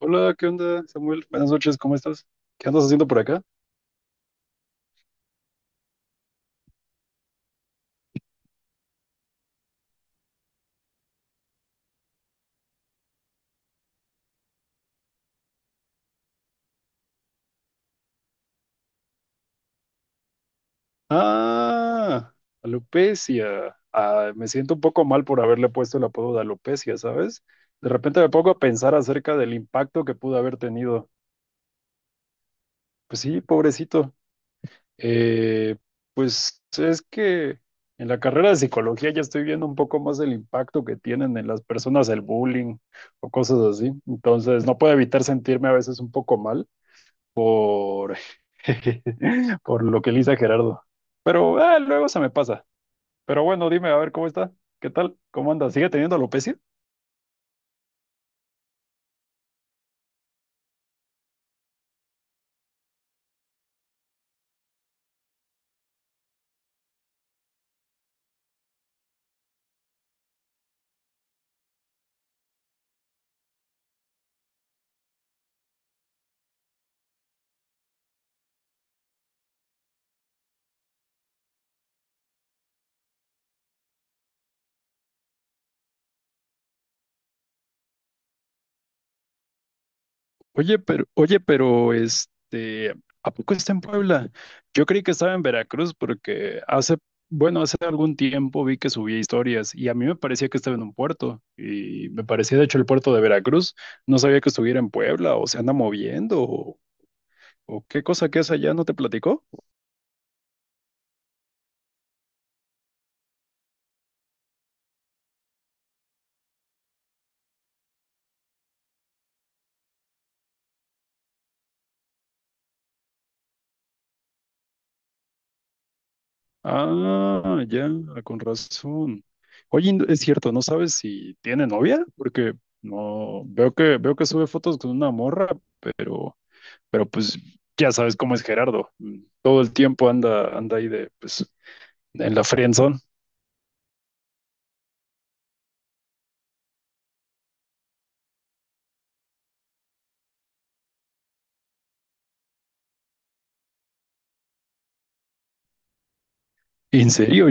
Hola, ¿qué onda, Samuel? Buenas noches, ¿cómo estás? ¿Qué andas haciendo por acá? Ah, alopecia. Ah, me siento un poco mal por haberle puesto el apodo de alopecia, ¿sabes? De repente me pongo a pensar acerca del impacto que pudo haber tenido. Pues sí, pobrecito. Eh, pues es que en la carrera de psicología ya estoy viendo un poco más el impacto que tienen en las personas el bullying o cosas así. Entonces no puedo evitar sentirme a veces un poco mal. Por lo que Lisa Gerardo. Pero luego se me pasa. Pero bueno, dime a ver cómo está. ¿Qué tal? ¿Cómo anda? ¿Sigue teniendo alopecia? Oye, pero ¿a poco está en Puebla? Yo creí que estaba en Veracruz porque hace, bueno, hace algún tiempo vi que subía historias y a mí me parecía que estaba en un puerto y me parecía de hecho el puerto de Veracruz. No sabía que estuviera en Puebla o se anda moviendo o qué cosa que es allá, ¿no te platicó? Ah, ya, ah, con razón. Oye, y es cierto, ¿no sabes si tiene novia? Porque no veo que veo que sube fotos con una morra, pero pues ya sabes cómo es Gerardo. Todo el tiempo anda ahí de pues en la friendzone. ¿En serio?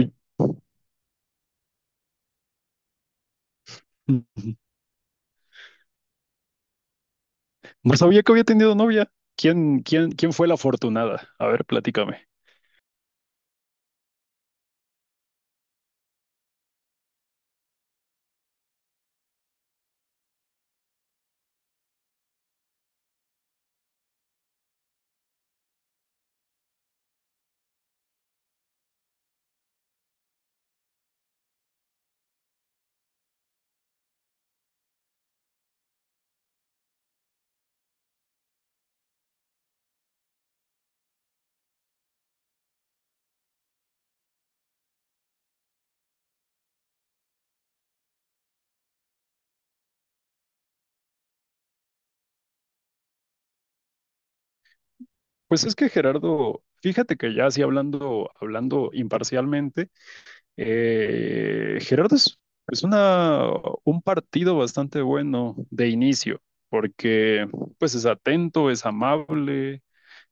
No sabía que había tenido novia. ¿Quién fue la afortunada? A ver, platícame. Pues es que Gerardo, fíjate que ya así hablando imparcialmente. Gerardo es un partido bastante bueno de inicio, porque pues es atento, es amable,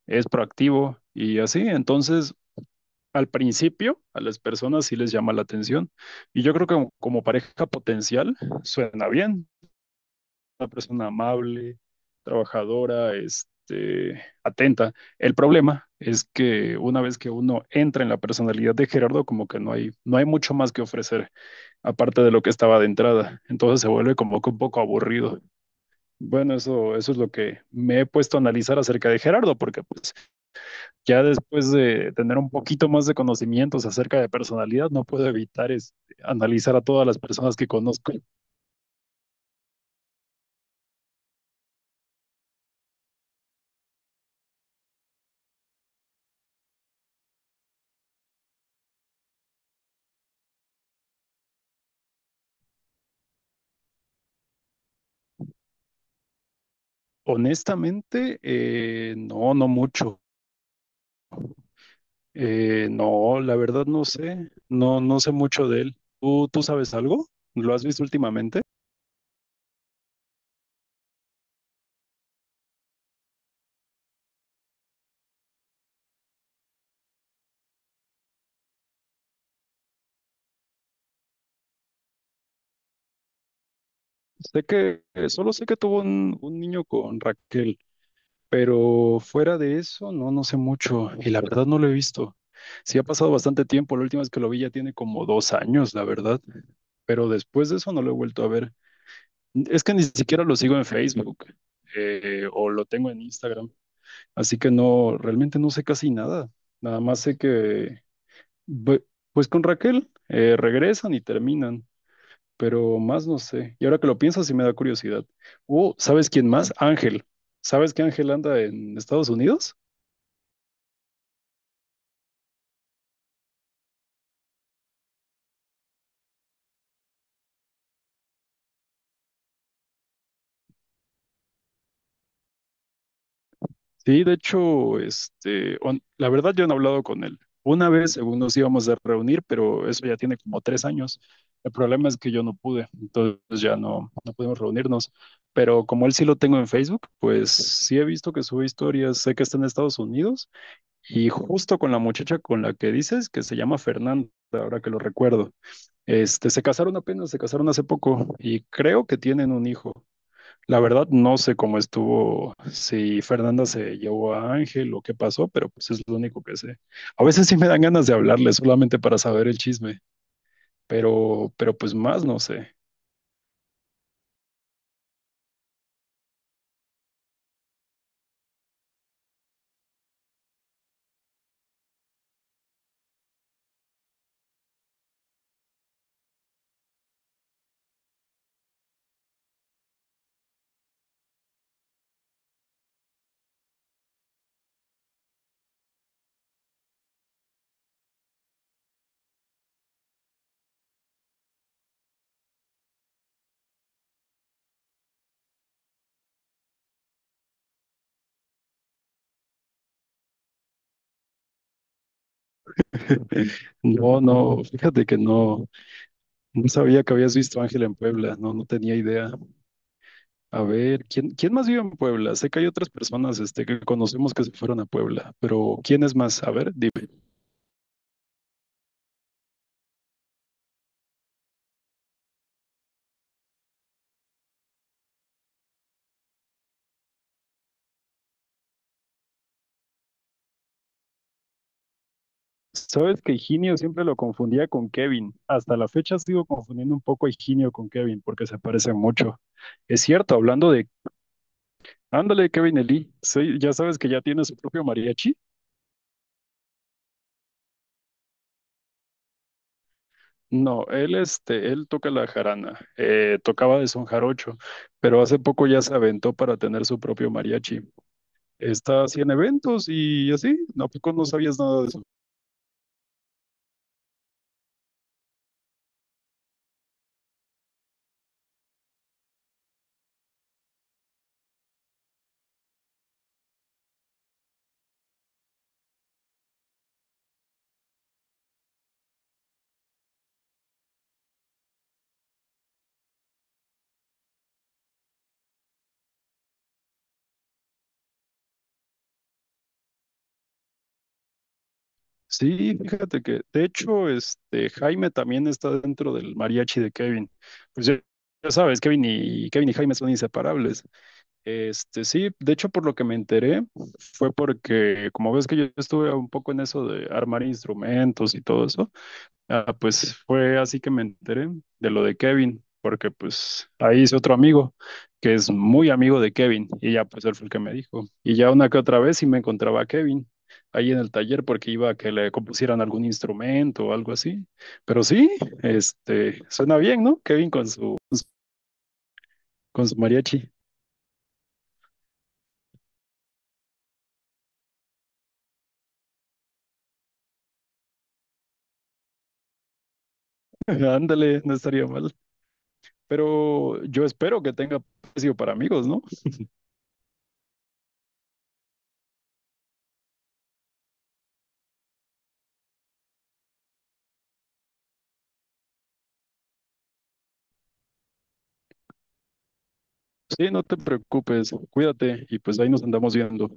es proactivo y así. Entonces, al principio, a las personas sí les llama la atención. Y yo creo que como, como pareja potencial suena bien, una persona amable, trabajadora, este, atenta. El problema es que una vez que uno entra en la personalidad de Gerardo, como que no hay, no hay mucho más que ofrecer aparte de lo que estaba de entrada. Entonces se vuelve como que un poco aburrido. Bueno, eso es lo que me he puesto a analizar acerca de Gerardo, porque pues ya después de tener un poquito más de conocimientos acerca de personalidad, no puedo evitar analizar a todas las personas que conozco. Honestamente, no, no mucho. No, la verdad no sé, no, no sé mucho de él. ¿Tú, tú sabes algo? ¿Lo has visto últimamente? Sé que, solo sé que tuvo un niño con Raquel. Pero fuera de eso, no, no sé mucho y la verdad no lo he visto. Sí ha pasado bastante tiempo, la última vez que lo vi ya tiene como dos años, la verdad, pero después de eso no lo he vuelto a ver. Es que ni siquiera lo sigo en Facebook, o lo tengo en Instagram, así que no, realmente no sé casi nada. Nada más sé que, bu- pues con Raquel regresan y terminan, pero más no sé. Y ahora que lo pienso, sí me da curiosidad. Oh, ¿sabes quién más? Ángel. ¿Sabes que Ángel anda en Estados Unidos? Sí, de hecho, la verdad yo no he hablado con él. Una vez, según nos íbamos a reunir, pero eso ya tiene como tres años. El problema es que yo no pude, entonces ya no, no pudimos reunirnos. Pero como él sí lo tengo en Facebook, pues sí he visto que sube historias, sé que está en Estados Unidos y justo con la muchacha con la que dices, que se llama Fernanda, ahora que lo recuerdo. Se casaron apenas, se casaron hace poco y creo que tienen un hijo. La verdad, no sé cómo estuvo, si Fernanda se llevó a Ángel o qué pasó, pero pues es lo único que sé. A veces sí me dan ganas de hablarle solamente para saber el chisme, pero pues más no sé. No, no, fíjate que no, no sabía que habías visto a Ángel en Puebla, no, no tenía idea. A ver, ¿quién, quién más vive en Puebla? Sé que hay otras personas, este, que conocemos que se fueron a Puebla, pero ¿quién es más? A ver, sabes que Higinio siempre lo confundía con Kevin. Hasta la fecha sigo confundiendo un poco a Higinio con Kevin porque se parecen mucho. Es cierto, hablando de... Ándale, Kevin Eli. Sí, ya sabes que ya tiene su propio mariachi. No, él, este, él toca la jarana. Tocaba de son jarocho, pero hace poco ya se aventó para tener su propio mariachi. Está así en eventos y así. ¿A poco no sabías nada de eso? Sí, fíjate que, de hecho, este Jaime también está dentro del mariachi de Kevin. Pues ya, ya sabes, Kevin y Jaime son inseparables. Este, sí, de hecho, por lo que me enteré, fue porque, como ves que yo estuve un poco en eso de armar instrumentos y todo eso. Ah, pues fue así que me enteré de lo de Kevin, porque pues ahí hice otro amigo que es muy amigo de Kevin y ya pues él fue el que me dijo. Y ya una que otra vez sí me encontraba a Kevin ahí en el taller porque iba a que le compusieran algún instrumento o algo así. Pero sí, suena bien, ¿no? Kevin con su mariachi. Ándale, no estaría mal. Pero yo espero que tenga precio para amigos, ¿no? Sí, no te preocupes, cuídate y pues ahí nos andamos viendo.